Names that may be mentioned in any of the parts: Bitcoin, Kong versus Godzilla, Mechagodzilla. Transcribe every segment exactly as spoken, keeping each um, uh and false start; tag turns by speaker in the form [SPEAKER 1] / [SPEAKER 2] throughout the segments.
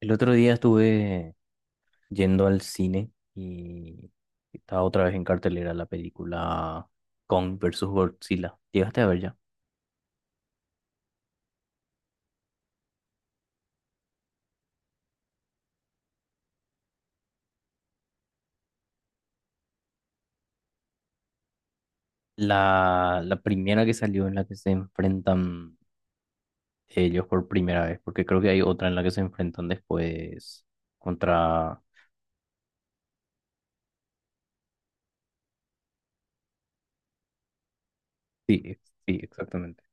[SPEAKER 1] El otro día estuve yendo al cine y estaba otra vez en cartelera la película Kong versus Godzilla. ¿Llegaste a ver ya? La, la primera que salió en la que se enfrentan ellos por primera vez, porque creo que hay otra en la que se enfrentan después contra... Sí, ex- sí, exactamente.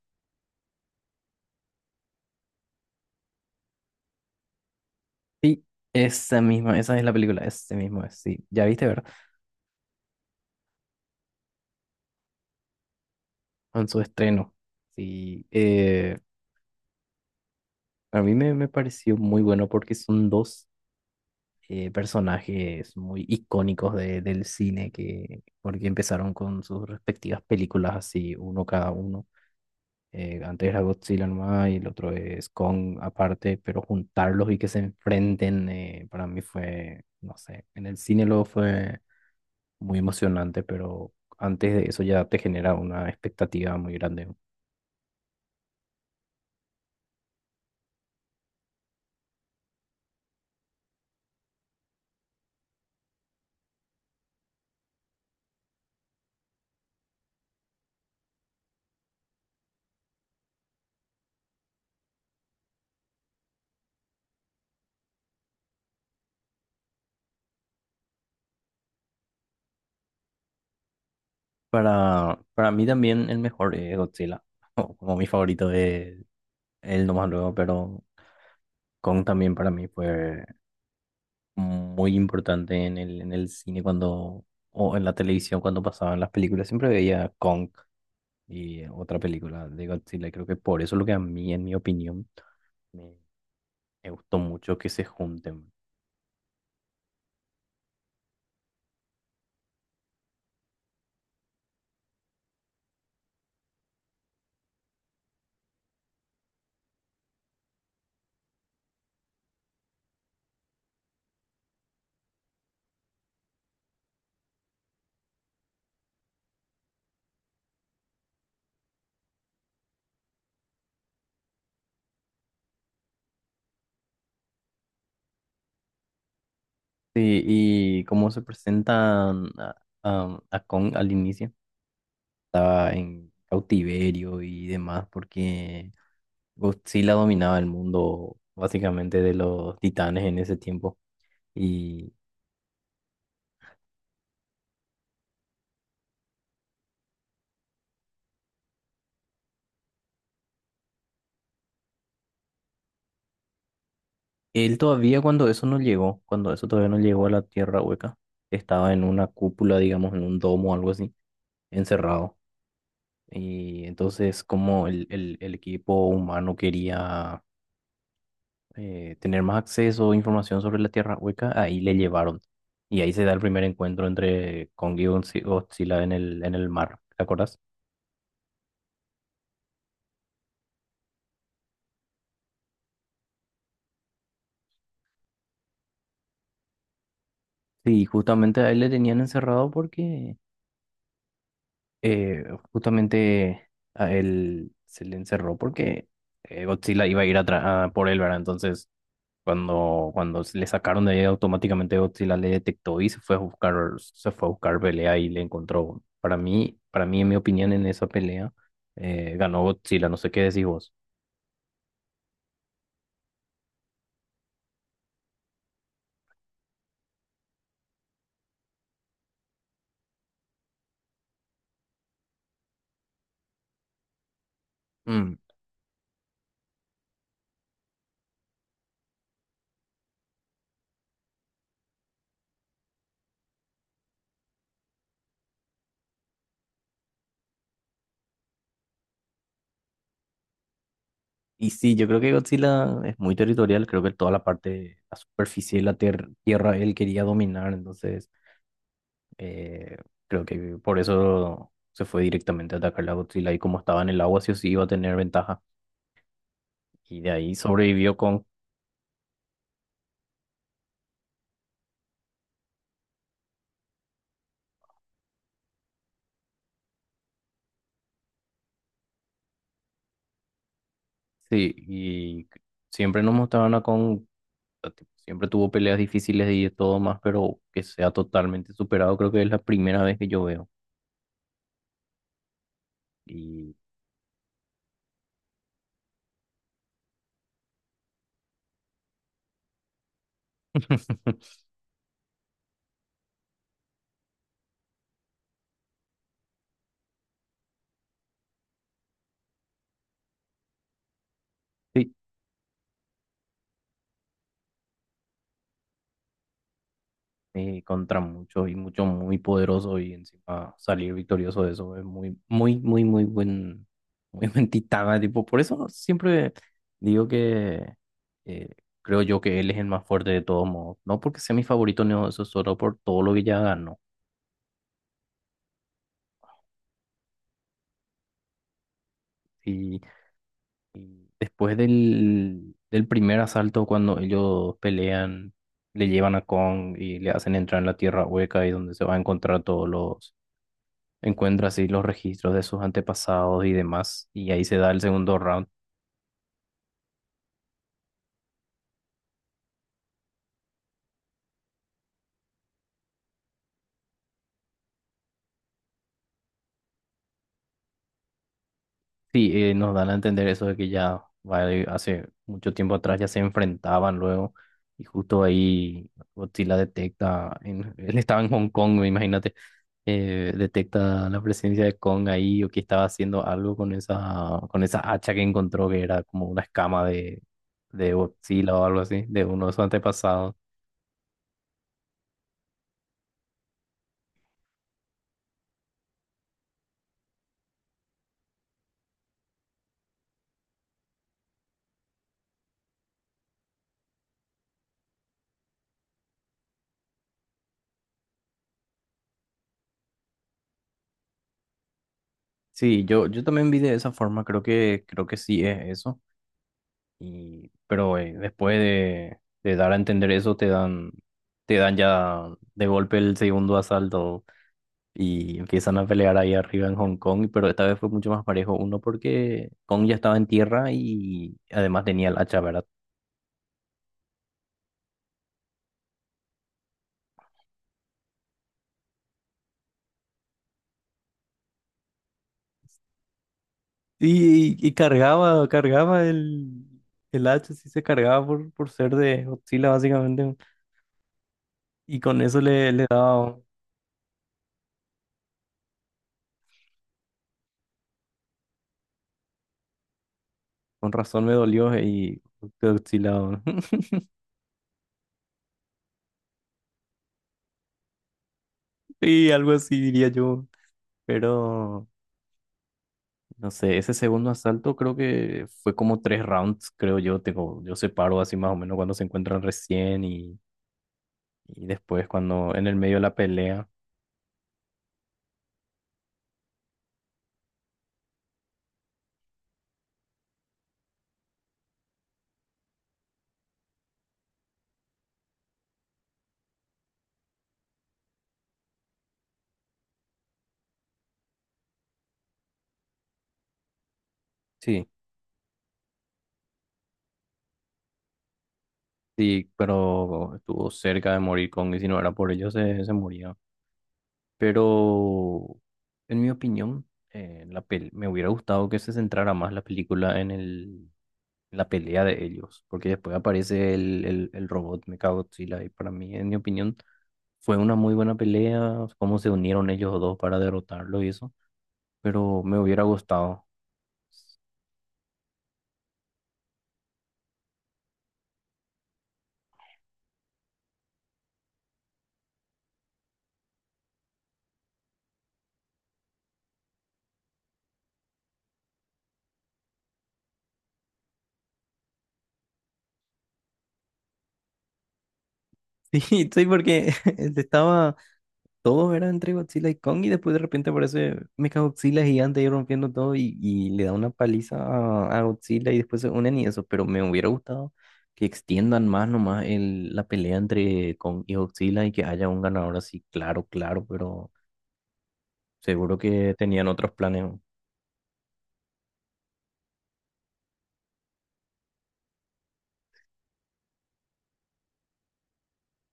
[SPEAKER 1] Sí, esa misma, esa es la película, ese mismo es, sí. Ya viste, ¿verdad? En su estreno. Sí, eh, a mí me, me pareció muy bueno porque son dos eh, personajes muy icónicos de- del cine que porque empezaron con sus respectivas películas así, uno cada uno. Eh, antes era Godzilla nomás y el otro es Kong aparte, pero juntarlos y que se enfrenten eh, para mí fue, no sé, en el cine luego fue muy emocionante, pero antes de eso ya te genera una expectativa muy grande. Para, para mí también el mejor es Godzilla, como mi favorito es él nomás luego, pero Kong también para mí fue muy importante en el, en el cine cuando, o en la televisión cuando pasaban las películas, siempre veía Kong y eh, otra película de Godzilla. Y creo que por eso lo que a mí, en mi opinión, me, me gustó mucho que se junten. Sí, y cómo se presentan a, a- a Kong al inicio, estaba en cautiverio y demás, porque Godzilla dominaba el mundo básicamente de los titanes en ese tiempo. Él todavía cuando eso no llegó, cuando eso todavía no llegó a la Tierra Hueca, estaba en una cúpula, digamos, en un domo o algo así, encerrado. Y entonces como el, el- el equipo humano quería eh, tener más acceso a información sobre la Tierra Hueca, ahí le llevaron. Y ahí se da el primer encuentro entre Kong y Godzilla en el, en el mar, ¿te acuerdas? Sí, justamente a él le tenían encerrado porque eh, justamente a él se le encerró porque eh, Godzilla iba a ir a, tra- a por él, ¿verdad? Entonces, cuando, cuando se le sacaron de ahí, automáticamente Godzilla le detectó y se fue a buscar, se fue a buscar pelea y le encontró. Para mí, para mí, en mi opinión, en esa pelea, eh, ganó Godzilla, no sé qué decís vos. Mm, y sí, yo creo que Godzilla es muy territorial, creo que toda la parte, la superficie de la tier- tierra, él quería dominar, entonces... Eh, Creo que por eso se fue directamente a atacar la Godzilla y como estaba en el agua, sí o sí iba a tener ventaja. Y de ahí sobrevivió Kong. Sí, y siempre nos mostraban a Kong, o sea, siempre tuvo peleas difíciles y de todo más, pero que sea totalmente superado, creo que es la primera vez que yo veo. Y sí, eh, contra muchos y muchos muy poderosos y encima salir victorioso de eso es muy, muy, muy, muy buen, muy buen titán, eh, tipo, por eso siempre digo que eh, creo yo que él es el más fuerte de todos modos, no porque sea mi favorito, no, eso es solo por todo lo que ya ganó. Y, y después del, del primer asalto, cuando ellos pelean, le llevan a Kong y le hacen entrar en la tierra hueca y donde se va a encontrar todos los encuentra así los registros de sus antepasados y demás, y ahí se da el segundo round. Sí, eh, nos dan a entender eso de que ya vale, hace mucho tiempo atrás ya se enfrentaban luego, y justo ahí Godzilla detecta, en- él estaba en Hong Kong, me imagínate, eh, detecta la presencia de Kong ahí o que estaba haciendo algo con esa, con esa hacha que encontró que era como una escama de, de Godzilla o algo así, de uno de sus antepasados. Sí, yo, yo también vi de esa forma, creo que, creo que sí es eso. Y, pero eh, después de, de dar a entender eso, te dan, te dan ya de golpe el segundo asalto y empiezan a pelear ahí arriba en Hong Kong, pero esta vez fue mucho más parejo. Uno porque Kong ya estaba en tierra y además tenía el hacha, ¿verdad? Y, y cargaba, cargaba el, el hacha, sí se cargaba por, por ser de Godzilla básicamente. Y con eso le, le daba, con razón me dolió y Godzilla. Y algo así diría yo. Pero no sé, ese segundo asalto creo que fue como tres rounds, creo yo. Tengo, yo separo así más o menos cuando se encuentran recién y, y después cuando en el medio de la pelea. Sí, sí, pero estuvo cerca de morir Kong y si no era por ello se, se moría. Pero en mi opinión, eh, la pel- me hubiera gustado que se centrara más la película en el, la pelea de ellos, porque después aparece el, el, el robot Mechagodzilla y para mí, en mi opinión. Fue una muy buena pelea, cómo se unieron ellos dos para derrotarlo y eso, pero me hubiera gustado. Sí, sí, porque estaba, todo era entre Godzilla y Kong y después de repente aparece Mecha Godzilla gigante y rompiendo todo y, y le da una paliza a, a Godzilla y después se unen y eso, pero me hubiera gustado que extiendan más nomás el, la pelea entre Kong y Godzilla y que haya un ganador así, claro, claro, pero seguro que tenían otros planes.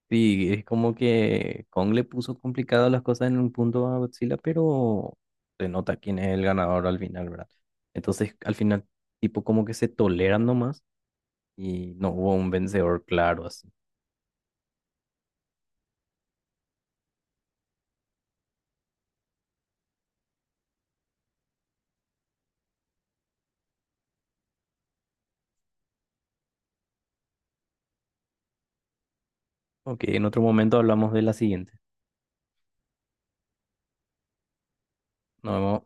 [SPEAKER 1] Sí, es como que Kong le puso complicadas las cosas en un punto a Godzilla, pero se nota quién es el ganador al final, ¿verdad? Entonces, al final, tipo como que se toleran nomás y no hubo un vencedor claro así. Ok, en otro momento hablamos de la siguiente. Nos vemos.